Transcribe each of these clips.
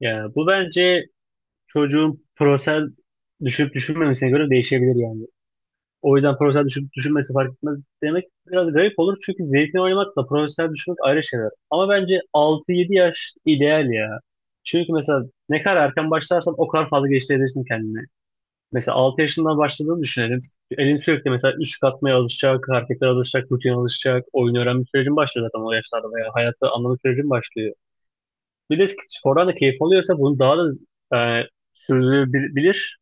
Ya bu bence çocuğun prosel düşünüp düşünmemesine göre değişebilir yani. O yüzden prosel düşünüp düşünmesi fark etmez demek biraz garip olur. Çünkü zevkini oynamakla prosel düşünmek ayrı şeyler. Ama bence altı yedi yaş ideal ya. Çünkü mesela ne kadar erken başlarsan o kadar fazla geliştirebilirsin kendini. Mesela 6 yaşından başladığını düşünelim. Elin sürekli mesela üçlük atmaya alışacak, hareketlere alışacak, rutin alışacak. Oyun öğrenme sürecin başlıyor zaten o yaşlarda veya hayatta anlama sürecin başlıyor, bir de spordan da keyif alıyorsa bunu daha da e, sürdürebilir.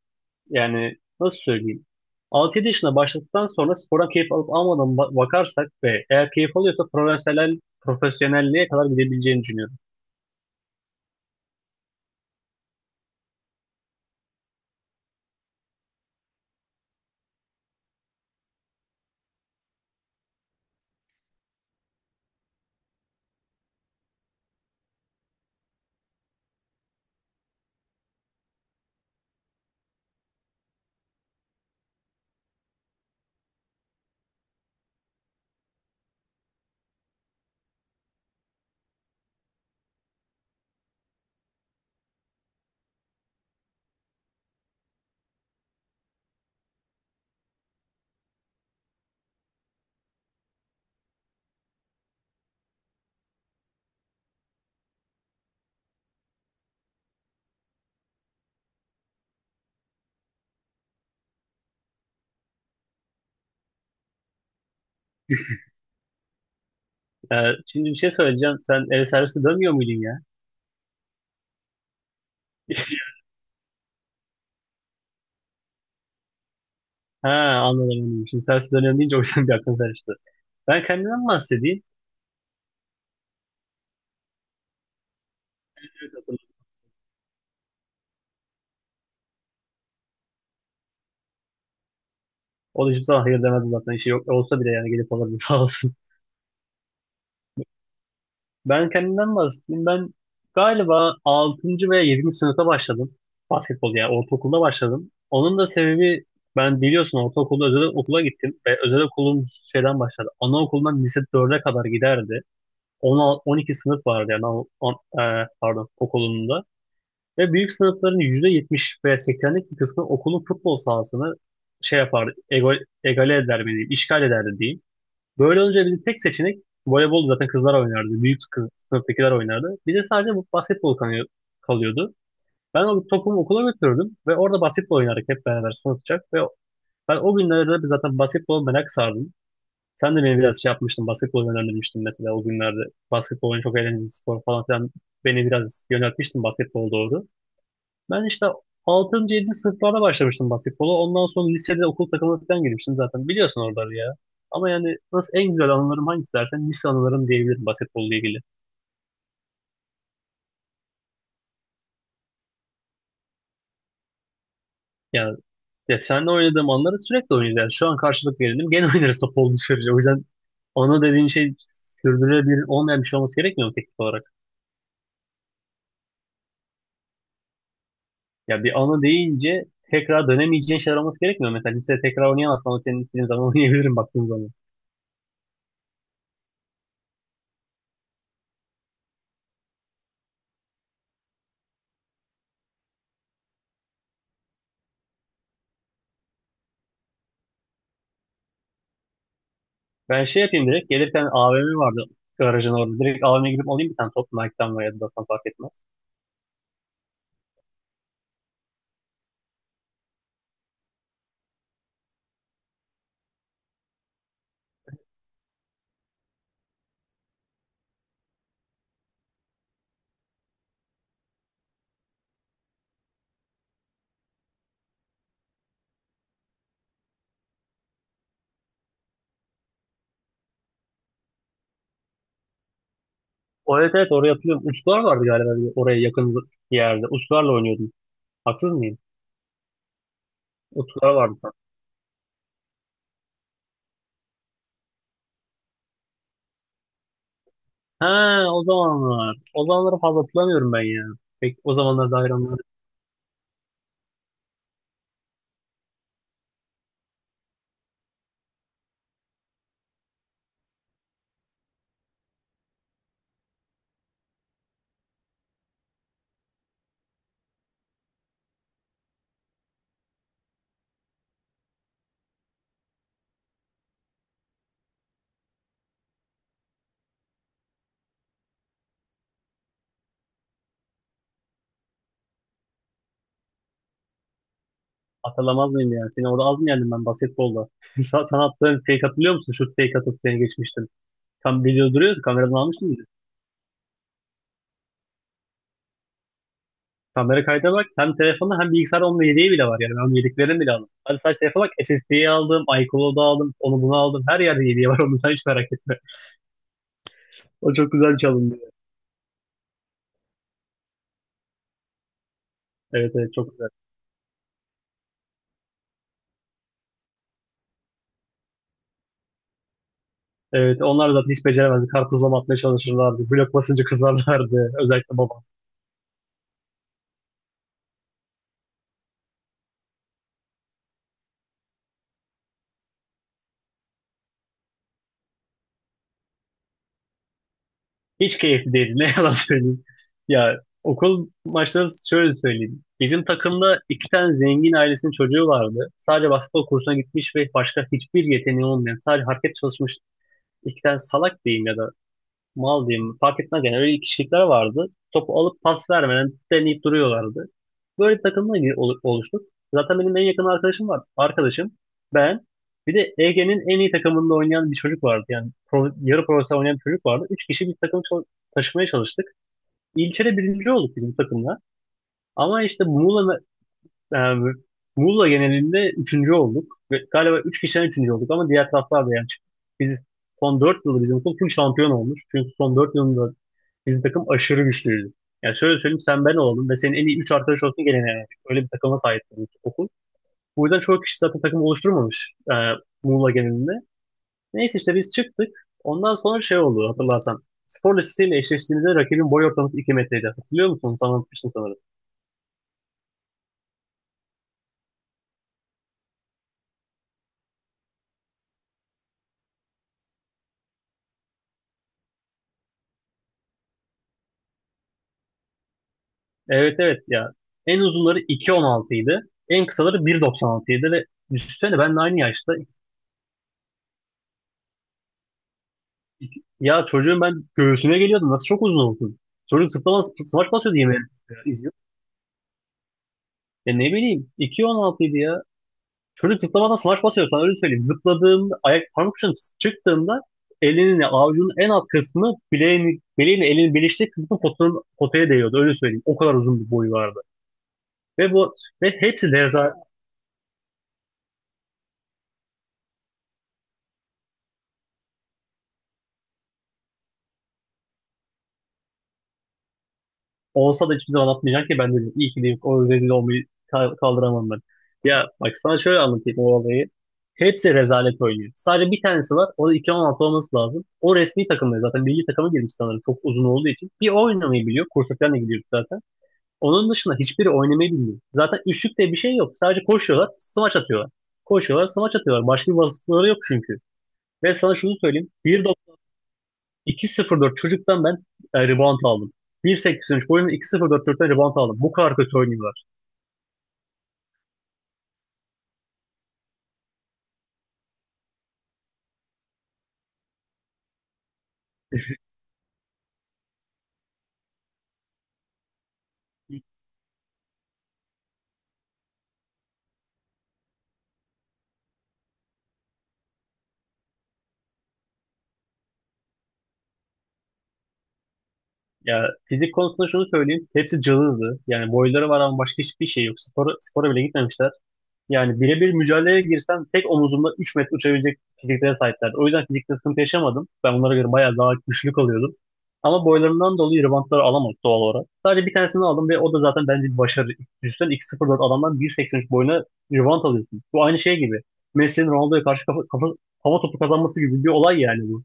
Yani nasıl söyleyeyim? 6-7 yaşında başladıktan sonra spordan keyif alıp almadan bakarsak ve eğer keyif alıyorsa profesyonelliğe kadar gidebileceğini düşünüyorum. E, Şimdi bir şey söyleyeceğim. Sen el servisi dönmüyor muydun ya? Ha, anladım, anladım. Şimdi servis dönüyorum deyince o yüzden bir aklım karıştı. Ben kendimden bahsedeyim. Evet, hatırladım. O da hiçbir zaman hayır demedi zaten. İşi yok olsa bile yani gelip alırdı sağ olsun. Ben kendimden bahsedeyim. Ben galiba altıncı veya yedinci sınıfta başladım. Basketbol yani ortaokulda başladım. Onun da sebebi, ben biliyorsun ortaokulda özel okula gittim ve özel okulum şeyden başladı. Anaokulundan lise dörde kadar giderdi. On altı on iki sınıf vardı yani pardon, okulunda. Ve büyük sınıfların %70 veya 80'lik bir kısmı okulun futbol sahasını şey yapardı, egale eder mi diyeyim, işgal ederdi diyeyim. Böyle olunca bizim tek seçenek voleybol, zaten kızlar oynardı. Büyük kız sınıftakiler oynardı. Bir de sadece bu basketbol kalıyordu. Ben o topumu okula götürürdüm ve orada basketbol oynardık hep beraber sınıfça. Ve ben o günlerde zaten basketbol merak sardım. Sen de beni biraz şey yapmıştın, basketbol yönlendirmiştin mesela o günlerde. Basketbolun çok eğlenceli spor falan filan. Beni biraz yöneltmiştin basketbol doğru. Ben işte altıncı, yedinci sınıflarda başlamıştım basketbola. Ondan sonra lisede okul takımına falan girmiştim zaten. Biliyorsun oraları ya. Ama yani nasıl, en güzel anılarım hangisi dersen lise anılarım diyebilirim basketbolla ilgili. Yani ya seninle oynadığım anları sürekli oynayacağız. Yani şu an karşılık verelim. Gene oynarız top olduğu sürece. O yüzden anı dediğin şey sürdürülebilir olmayan bir şey olması gerekmiyor mu teknik olarak? Ya bir anı deyince tekrar dönemeyeceğin şeyler olması gerekmiyor mu? Mesela lisede tekrar oynayamazsan ama senin istediğin zaman oynayabilirim baktığın zaman. Ben şey yapayım direkt. Gelirken AVM vardı garajın orada. Direkt AVM'ye gidip alayım bir tane top. Nike'dan veya Adidas'tan fark etmez. O, evet evet, oraya hatırlıyorum. Utkular vardı galiba bir oraya yakın bir yerde. Utkularla oynuyordum. Haksız mıyım? Utkular vardı sanki. Ha, o zamanlar. O zamanları fazla hatırlamıyorum ben ya. Pek o zamanlar dair onları hatırlamaz mıyım yani? Seni orada az mı yendim ben basketbolda? Sana attığın fake hatırlıyor musun? Şut fake atıp seni geçmiştim. Tam video duruyordu. Kameradan almıştım. Kamera kaydına bak. Hem telefonu hem bilgisayar onun yedeği bile var. Yani ben onun yedeklerini bile aldım. Hadi sadece telefona bak. SSD'yi aldım. iCloud'u aldım. Onu bunu aldım. Her yerde yedeği var. Onu sen hiç merak etme. O çok güzel çalındı. Evet evet, çok güzel. Evet, onlar da zaten hiç beceremezdi. Karpuzlama atmaya çalışırlardı. Blok basınca kızarlardı. Özellikle babam. Hiç keyifli değildi. Ne yalan söyleyeyim. Ya okul maçları şöyle söyleyeyim. Bizim takımda iki tane zengin ailesinin çocuğu vardı. Sadece basketbol kursuna gitmiş ve başka hiçbir yeteneği olmayan, sadece hareket çalışmış iki tane salak diyeyim ya da mal diyeyim fark etmez, yani öyle kişilikler vardı. Topu alıp pas vermeden deneyip duruyorlardı. Böyle bir takımla oluştuk. Zaten benim en yakın arkadaşım var. Arkadaşım, ben, bir de Ege'nin en iyi takımında oynayan bir çocuk vardı. Yani yarı profesyonel oynayan bir çocuk vardı. Üç kişi biz takımı taşımaya çalıştık. İlçede birinci olduk bizim takımla. Ama işte e, Muğla genelinde üçüncü olduk. Ve galiba üç kişiden üçüncü olduk ama diğer taraflar da yani çıktı. Biz son dört yılda bizim okul tüm şampiyon olmuş. Çünkü son dört yılında bizim takım aşırı güçlüydü. Yani şöyle söyleyeyim, sen ben olalım ve senin en iyi 3 arkadaş olsun gene yani. Öyle bir takıma sahip bu okul. Bu yüzden çoğu kişi zaten takım oluşturmamış Muğla genelinde. Neyse işte biz çıktık. Ondan sonra şey oldu hatırlarsan. Spor lisesiyle eşleştiğimizde rakibin boy ortalaması 2 metreydi. Hatırlıyor musun? Sana anlatmıştım sanırım. Evet evet ya. En uzunları 2.16 idi. En kısaları 1.96 idi ve düşünsene ben de aynı yaşta. Ya çocuğun ben göğsüne geliyordum. Nasıl çok uzun oldum. Çocuk zıplama, smaç basıyordu yemeğe. Ya ne bileyim 2.16 idi ya. Çocuk zıplamadan smaç basıyor, sana öyle söyleyeyim. Zıpladığında ayak parmak ucundan çıktığında elinin avucunun en alt kısmı bileğini elinin birleştiği kısmı potanın, potaya değiyordu, öyle söyleyeyim. O kadar uzun bir boyu vardı. Ve bu ve hepsi Olsa da hiçbir zaman atmayacak ki ben dedim. İyi ki dedim, o rezil olmayı kaldıramam ben. Ya bak sana şöyle anlatayım o olayı. Hepsi rezalet oynuyor. Sadece bir tanesi var. O da 2016 olması lazım. O resmi takımda zaten milli takıma girmiş sanırım çok uzun olduğu için. Bir o oynamayı biliyor. Kursa falan da gidiyoruz zaten. Onun dışında hiçbiri oynamayı bilmiyor. Zaten üçlük diye bir şey yok. Sadece koşuyorlar, smaç atıyorlar. Koşuyorlar, smaç atıyorlar. Başka bir vasıfları yok çünkü. Ve sana şunu söyleyeyim, 2.04 çocuktan ben rebound aldım. 1.83 boyunda 2.04 çocuktan rebound aldım. Bu kadar kötü oynuyorlar. Ya fizik konusunda şunu söyleyeyim. Hepsi cılızdı. Yani boyları var ama başka hiçbir şey yok. Spora, spora bile gitmemişler. Yani birebir mücadeleye girsem tek omuzumda 3 metre uçabilecek fiziklere sahiplerdi. O yüzden fizikte sıkıntı yaşamadım. Ben onlara göre bayağı daha güçlü kalıyordum. Ama boylarından dolayı rivantları alamadık doğal olarak. Sadece bir tanesini aldım ve o da zaten bence bir başarı. Üstten 2.04 adamdan 1.83 boyuna rivant alıyorsun. Bu aynı şey gibi. Messi'nin Ronaldo'ya karşı hava topu kazanması gibi bir olay yani bu.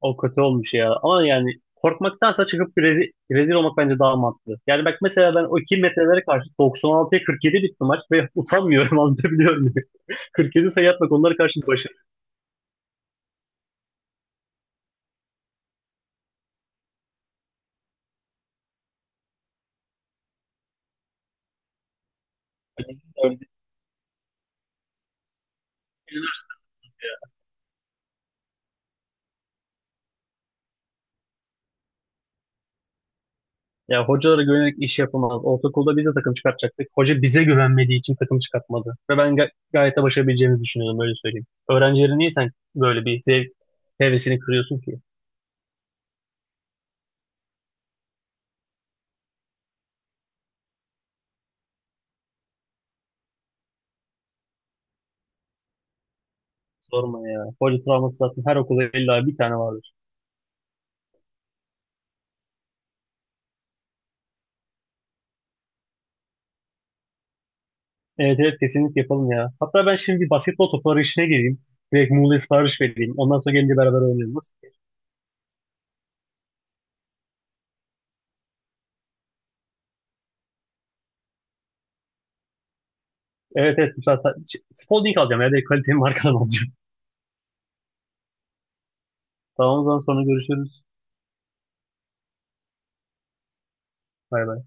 O kötü olmuş ya. Ama yani korkmaktansa çıkıp rezil, rezil olmak bence daha mantıklı. Yani bak mesela ben o 2 metrelere karşı 96'ya 47 bitti maç ve utanmıyorum, anlatabiliyor muyum? 47 sayı atmak onlara karşı bir başarı. Yani siz de öyle düşünürsün ya. Ya hocalara güvenerek iş yapılmaz. Ortaokulda biz de takım çıkartacaktık. Hoca bize güvenmediği için takım çıkartmadı. Ve ben gayet de başarabileceğimizi düşünüyorum, öyle söyleyeyim. Öğrencileri niye sen böyle bir zevk hevesini kırıyorsun ki? Sorma ya. Hoca travması zaten her okulda illa bir tane var. Evet evet, kesinlikle yapalım ya. Hatta ben şimdi bir basketbol topu arayışına gireyim. Direkt Muğla'ya sipariş vereyim. Ondan sonra gelince beraber oynayalım. Nasıl? Evet evet. Güzel. Spalding alacağım ya. Direkt kaliteli markadan alacağım. Tamam o zaman, sonra görüşürüz. Bay bay.